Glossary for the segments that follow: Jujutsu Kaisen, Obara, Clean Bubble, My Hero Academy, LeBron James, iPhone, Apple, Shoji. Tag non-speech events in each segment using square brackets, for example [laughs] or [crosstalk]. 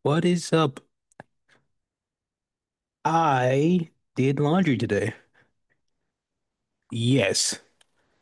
What is up? I did laundry today. Yes.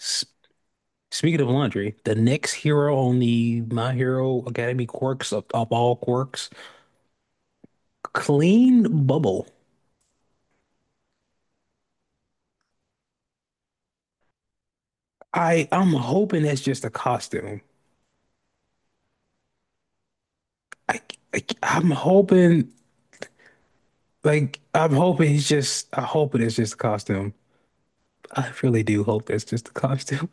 S speaking of laundry, the next hero on the My Hero Academy quirks of all quirks, Clean Bubble. I'm hoping that's just a costume. I, I'm hoping like I hope it is just a costume. I really do hope that's just a costume.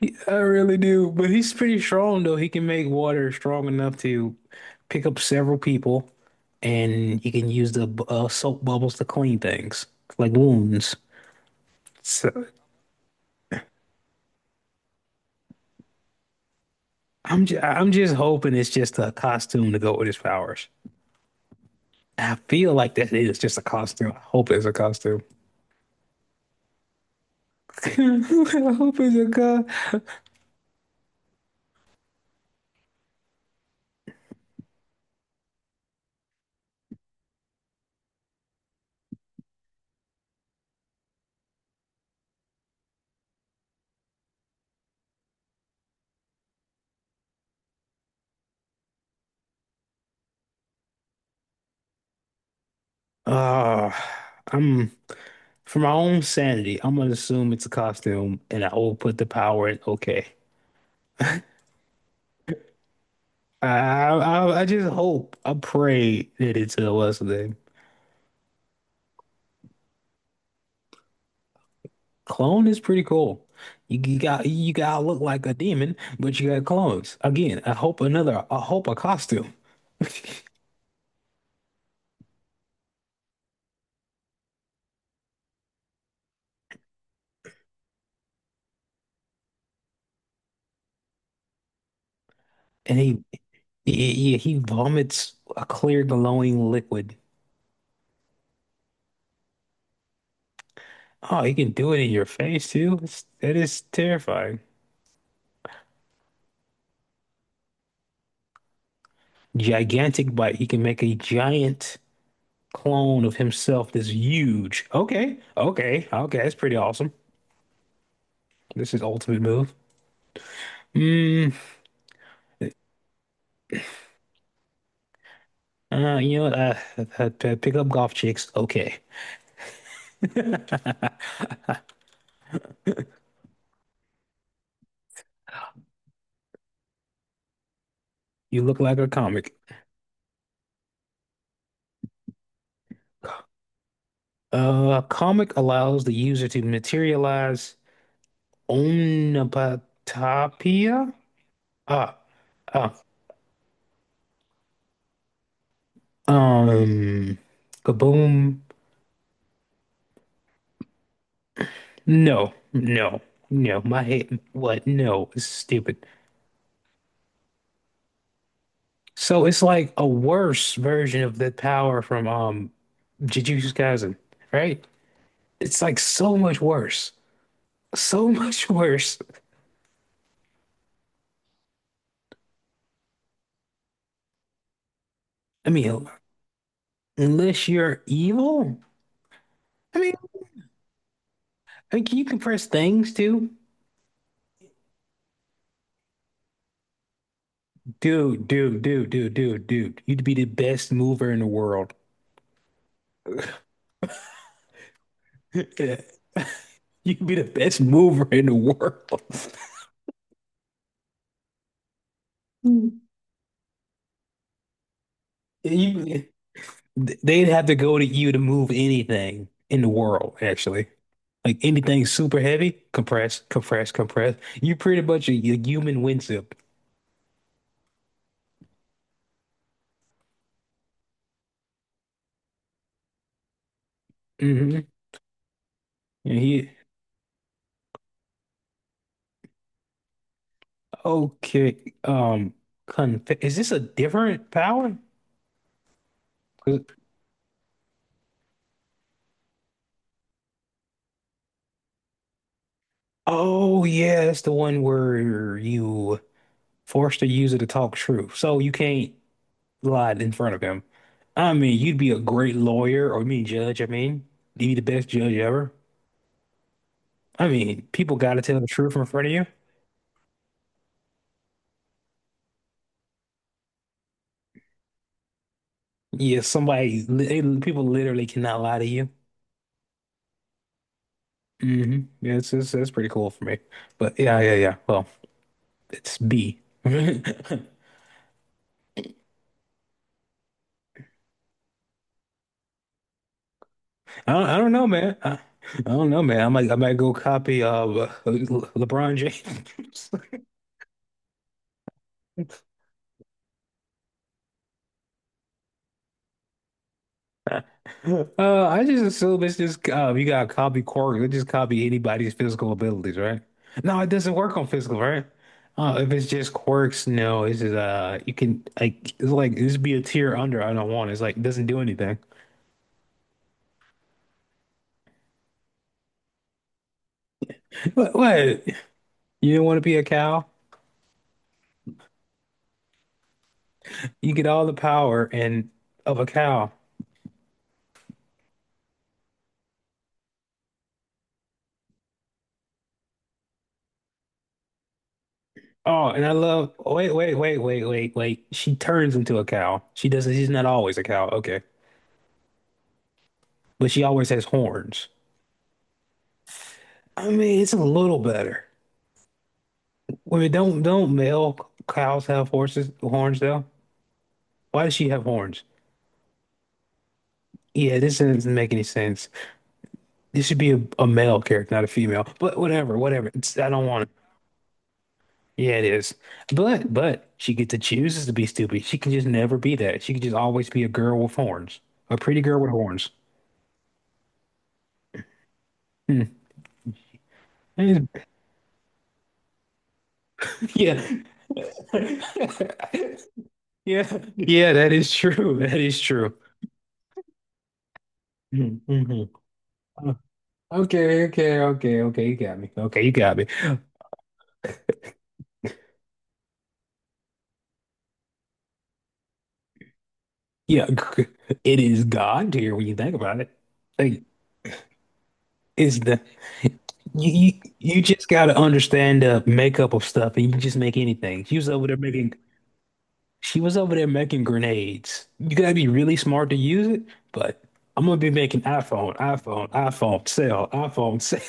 I really do, but he's pretty strong though. He can make water strong enough to pick up several people, and he can use the soap bubbles to clean things like wounds. So I'm just hoping it's just a costume to go with his powers. I feel like that is just a costume. I hope it's a costume. [laughs] I hope it's a co- uh, I'm for my own sanity. I'm gonna assume it's a costume, and I will put the power in. Okay. I, I just hope I pray that it's a what's the name? Clone is pretty cool. You gotta look like a demon, but you got clones. Again, I hope a costume. [laughs] And he vomits a clear glowing liquid. Oh, he can do it in your face too. That is terrifying. Gigantic bite. He can make a giant clone of himself that's huge. Okay, okay, okay. That's pretty awesome. This is ultimate move. Hmm. You know what? Pick up golf chicks. Okay. [laughs] You look like a comic. A comic allows the user to materialize omnipotopia. Ah, ah, um, kaboom. No, no, no. My head, what? No, it's stupid. So it's like a worse version of the power from Jujutsu Kaisen, right? It's like so much worse. So [laughs] much worse. I mean, unless you're evil. I mean, I mean, can you compress things too? Dude, dude, dude, dude, dude, dude. You'd be the best mover in the world. [laughs] You'd be the best mover in the world. [laughs] You, they'd have to go to you to move anything in the world, actually. Like anything super heavy, compress, compress, compress. You're pretty much a human windsuit. Mm-hmm. And he, okay. Conf is this a different power? Oh yeah, that's the one where you force the user to talk truth. So you can't lie in front of him. I mean, you'd be a great lawyer or I mean judge, I mean. You'd be the best judge ever. I mean, people gotta tell the truth in front of you. Yeah, somebody they- people literally cannot lie to you. Yeah, it's that's pretty cool for me. But yeah, yeah, yeah. Well, it's B. [laughs] I don't know, man. I don't know, man. I might go copy LeBron James. [laughs] I just assume it's just you gotta copy Corey. You just copy anybody's physical abilities, right? No, it doesn't work on physical, right? If it's just quirks, no, it's just you can like it's like this be a tier under. I don't want. It's like it doesn't do anything. What, what? You don't want to be a cow? You get all the power and of a cow. Oh, and I love. Oh, wait, wait, wait, wait, wait, wait. She turns into a cow. She doesn't. She's not always a cow. Okay, but she always has horns. I mean, it's a little better. Wait, don't male cows have horses horns though? Why does she have horns? Yeah, this doesn't make any sense. This should be a male character, not a female. But whatever, whatever. I don't want it. Yeah, it is. But she gets to choose to be stupid. She can just never be that. She can just always be a girl with horns, a pretty girl with horns. Hmm. [laughs] Yeah, [laughs] yeah, yeah, that is true. That is true. hmm Okay, okay, okay, okay. You got me. Okay, you got me. Yeah, g- it is God tier when you think about it. Like, it's the you you, you just got to understand the makeup of stuff, and you can just make anything. She was over there making grenades. You gotta be really smart to use it, but I'm gonna be making iPhone, iPhone, iPhone, sell, iPhone, sell.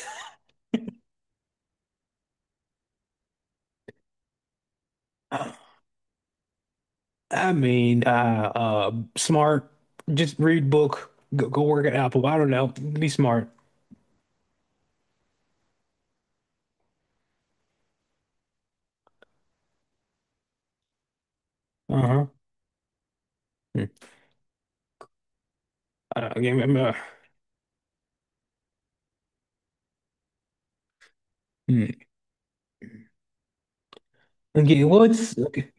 I mean, smart. Just read book. Go, go work at Apple. I don't know. Be smart. Uh-huh. Hmm. Again, hmm. Okay,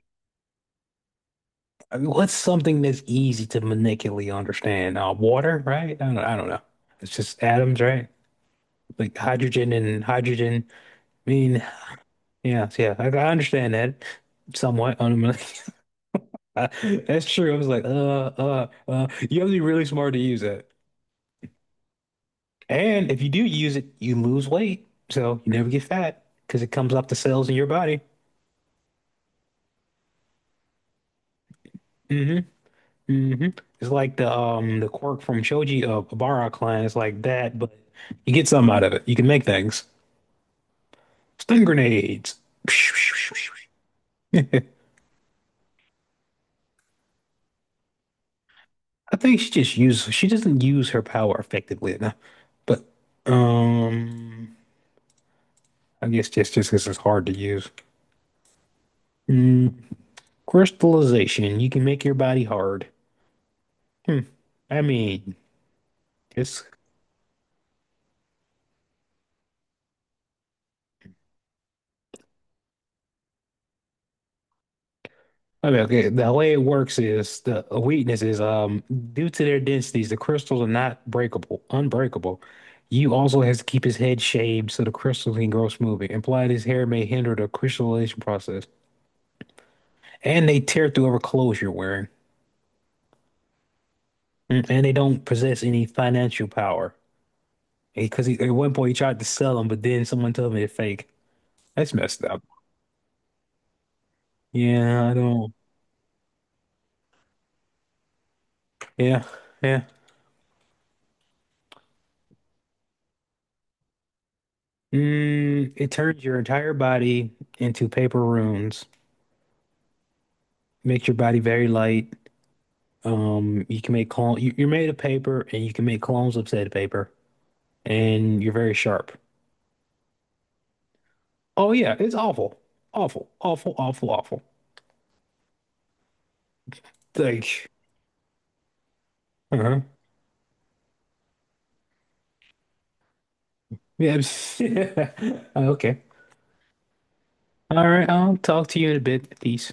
I mean, what's something that's easy to manipulate, understand? Water, right? I don't know. It's just atoms, right? Like hydrogen and hydrogen. I mean, yeah, so yeah. I understand that somewhat. [laughs] I That's true. I was like. You have to be really smart to use that. And if you do use it, you lose weight. So you never get fat because it comes off the cells in your body. hmm hmm It's like the quirk from Shoji Obara clan. It's like that, but you get something out of it. You can make things. Stun grenades. [laughs] I think she doesn't use her power effectively enough. But um I guess just because it's hard to use. Mm, crystallization. You can make your body hard. Hmm. I mean, it's I mean, okay, the way it works is the a weakness is due to their densities, the crystals are not breakable, unbreakable. You also has to keep his head shaved so the crystals can grow smoothly. Implied his hair may hinder the crystallization process. And they tear through whatever clothes you're wearing. And they don't possess any financial power. Because he, at one point he tried to sell them, but then someone told me they're fake. That's messed up. Yeah, I don't. Yeah, yeah. It turns your entire body into paper runes. Makes your body very light. You can make clone. You're made of paper, and you can make clones of said paper, and you're very sharp. Oh yeah, it's awful, awful, awful, awful, awful. Like, uh-huh. Yeah. [laughs] Okay. All right. I'll talk to you in a bit. Peace.